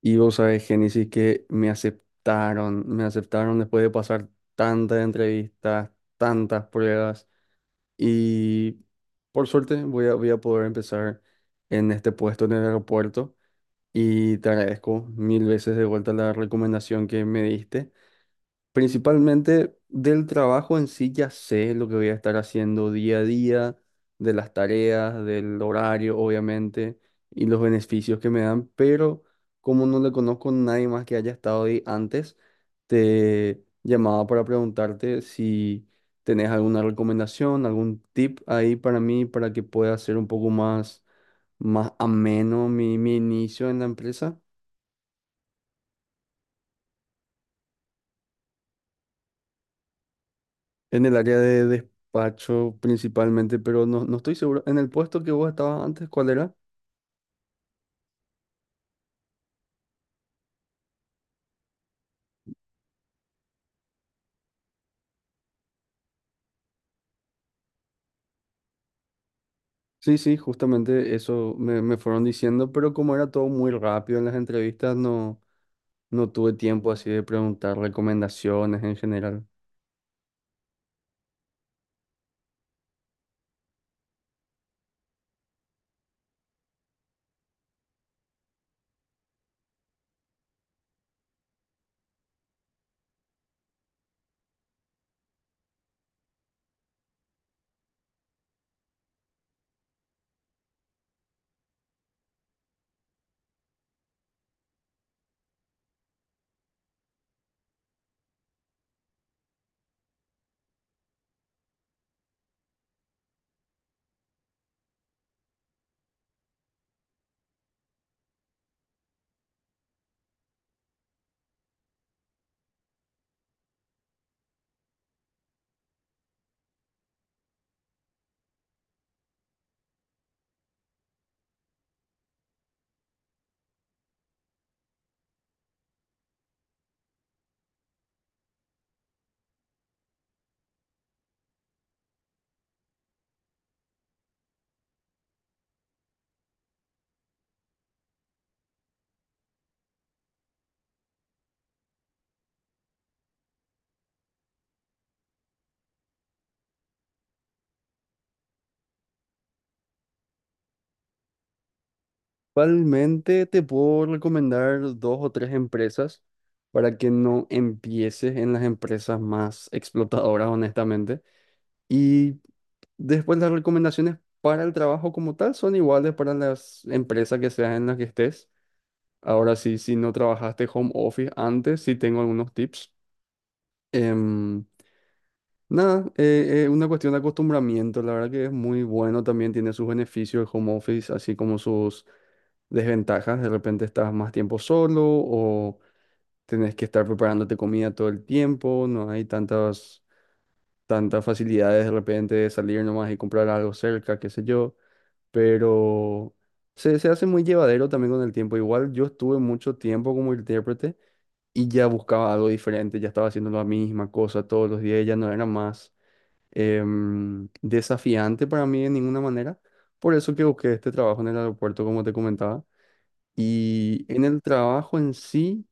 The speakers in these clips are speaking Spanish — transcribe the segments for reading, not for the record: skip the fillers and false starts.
Y vos sabés, Génesis, que me aceptaron después de pasar tantas entrevistas, tantas pruebas. Y por suerte voy a poder empezar en este puesto en el aeropuerto. Y te agradezco mil veces de vuelta la recomendación que me diste. Principalmente del trabajo en sí ya sé lo que voy a estar haciendo día a día, de las tareas, del horario, obviamente, y los beneficios que me dan, pero como no le conozco a nadie más que haya estado ahí antes, te llamaba para preguntarte si tenés alguna recomendación, algún tip ahí para mí para que pueda ser un poco más, más ameno mi inicio en la empresa. En el área de despacho principalmente, pero no, no estoy seguro. En el puesto que vos estabas antes, ¿cuál era? Sí, sí, justamente eso me fueron diciendo, pero como era todo muy rápido en las entrevistas, no, no tuve tiempo así de preguntar recomendaciones en general. Igualmente te puedo recomendar dos o tres empresas para que no empieces en las empresas más explotadoras, honestamente. Y después las recomendaciones para el trabajo como tal son iguales para las empresas que seas en las que estés. Ahora sí, si no trabajaste home office antes, sí tengo algunos tips. Em, nada, es una cuestión de acostumbramiento. La verdad que es muy bueno, también tiene sus beneficios el home office, así como sus desventajas. De repente estás más tiempo solo o tenés que estar preparándote comida todo el tiempo, no hay tantas, tantas facilidades de repente de salir nomás y comprar algo cerca, qué sé yo. Pero se hace muy llevadero también con el tiempo. Igual yo estuve mucho tiempo como intérprete y ya buscaba algo diferente, ya estaba haciendo la misma cosa todos los días, ya no era más desafiante para mí de ninguna manera. Por eso que busqué este trabajo en el aeropuerto, como te comentaba. Y en el trabajo en sí...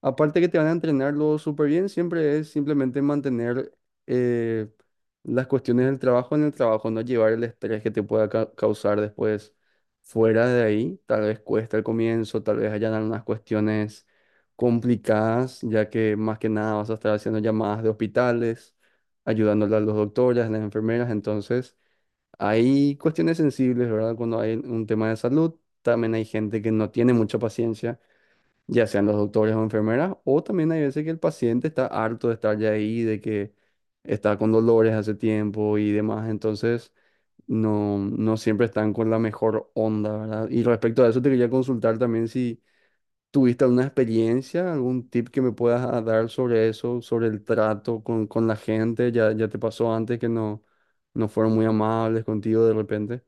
Aparte que te van a entrenarlo súper bien, siempre es simplemente mantener eh, las cuestiones del trabajo en el trabajo, no llevar el estrés que te pueda causar después fuera de ahí. Tal vez cuesta al comienzo, tal vez hayan algunas cuestiones complicadas, ya que más que nada vas a estar haciendo llamadas de hospitales, ayudándole a los doctores, a las enfermeras. Entonces, hay cuestiones sensibles, ¿verdad? Cuando hay un tema de salud, también hay gente que no tiene mucha paciencia, ya sean los doctores o enfermeras, o también hay veces que el paciente está harto de estar ya ahí, de que está con dolores hace tiempo y demás, entonces no, no siempre están con la mejor onda, ¿verdad? Y respecto a eso te quería consultar también si tuviste alguna experiencia, algún tip que me puedas dar sobre eso, sobre el trato con la gente, ya, ya te pasó antes que no, no fueron muy amables contigo de repente.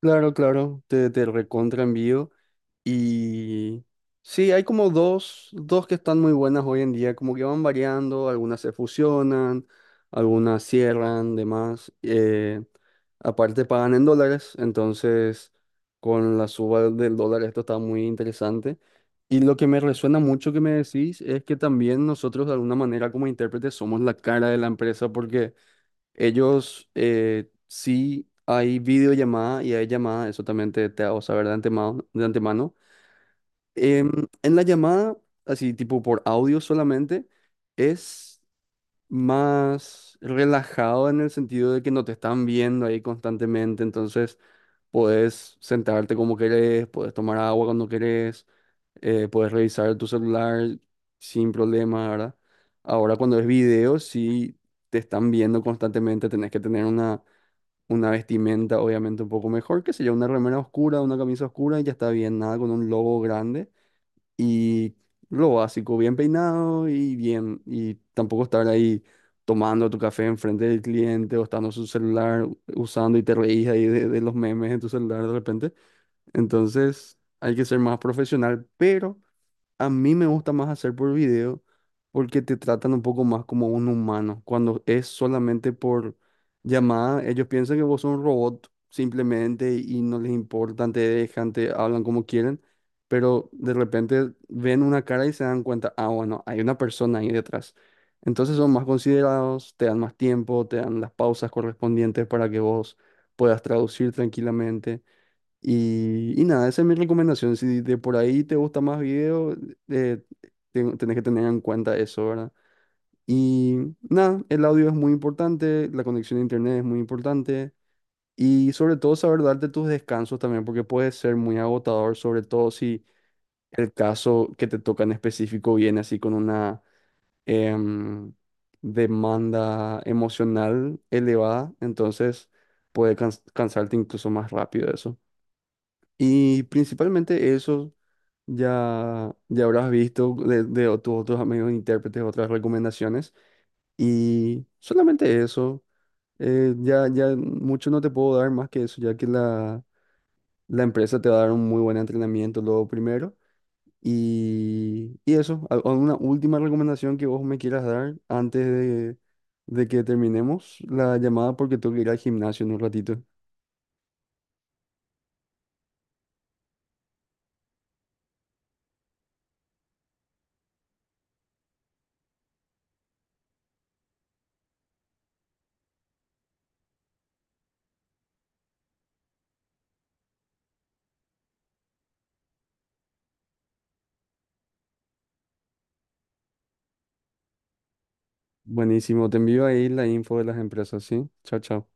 Claro, claro, te recontra envío. Y sí, hay como dos que están muy buenas hoy en día, como que van variando, algunas se fusionan, algunas cierran, demás. Aparte pagan en dólares, entonces con la suba del dólar esto está muy interesante. Y lo que me resuena mucho que me decís es que también nosotros de alguna manera como intérpretes somos la cara de la empresa porque ellos sí hay videollamada y hay llamada, eso también te hago saber de antemano em, en la llamada, así tipo por audio solamente, es más relajado en el sentido de que no te están viendo ahí constantemente, entonces puedes sentarte como querés, puedes tomar agua cuando querés, puedes revisar tu celular sin problema, ¿verdad? Ahora cuando es video, sí te están viendo constantemente, tenés que tener una vestimenta obviamente un poco mejor, que sería una remera oscura, una camisa oscura y ya está bien, nada con un logo grande y lo básico, bien peinado y bien, y tampoco estar ahí tomando tu café enfrente del cliente o estando su celular usando y te reís ahí de los memes en tu celular de repente. Entonces hay que ser más profesional, pero a mí me gusta más hacer por video porque te tratan un poco más como un humano. Cuando es solamente por llamada, ellos piensan que vos sos un robot simplemente y no les importan, te dejan, te hablan como quieren, pero de repente ven una cara y se dan cuenta, ah, bueno, hay una persona ahí detrás. Entonces son más considerados, te dan más tiempo, te dan las pausas correspondientes para que vos puedas traducir tranquilamente. Y nada, esa es mi recomendación. Si de por ahí te gusta más video, eh, tenés que tener en cuenta eso, ¿verdad? Y nada, el audio es muy importante, la conexión a internet es muy importante y sobre todo saber darte tus descansos también, porque puede ser muy agotador, sobre todo si el caso que te toca en específico viene así con una em, demanda emocional elevada, entonces puede cansarte incluso más rápido eso. Y principalmente eso ya, ya habrás visto de, de tus otros amigos intérpretes, otras recomendaciones. Y solamente eso, ya, ya mucho no te puedo dar más que eso, ya que la empresa te va a dar un muy buen entrenamiento luego primero. Y eso, ¿alguna última recomendación que vos me quieras dar antes de que terminemos la llamada? Porque tengo que ir al gimnasio en un ratito. Buenísimo, te envío ahí la info de las empresas, ¿sí? Chao, chao.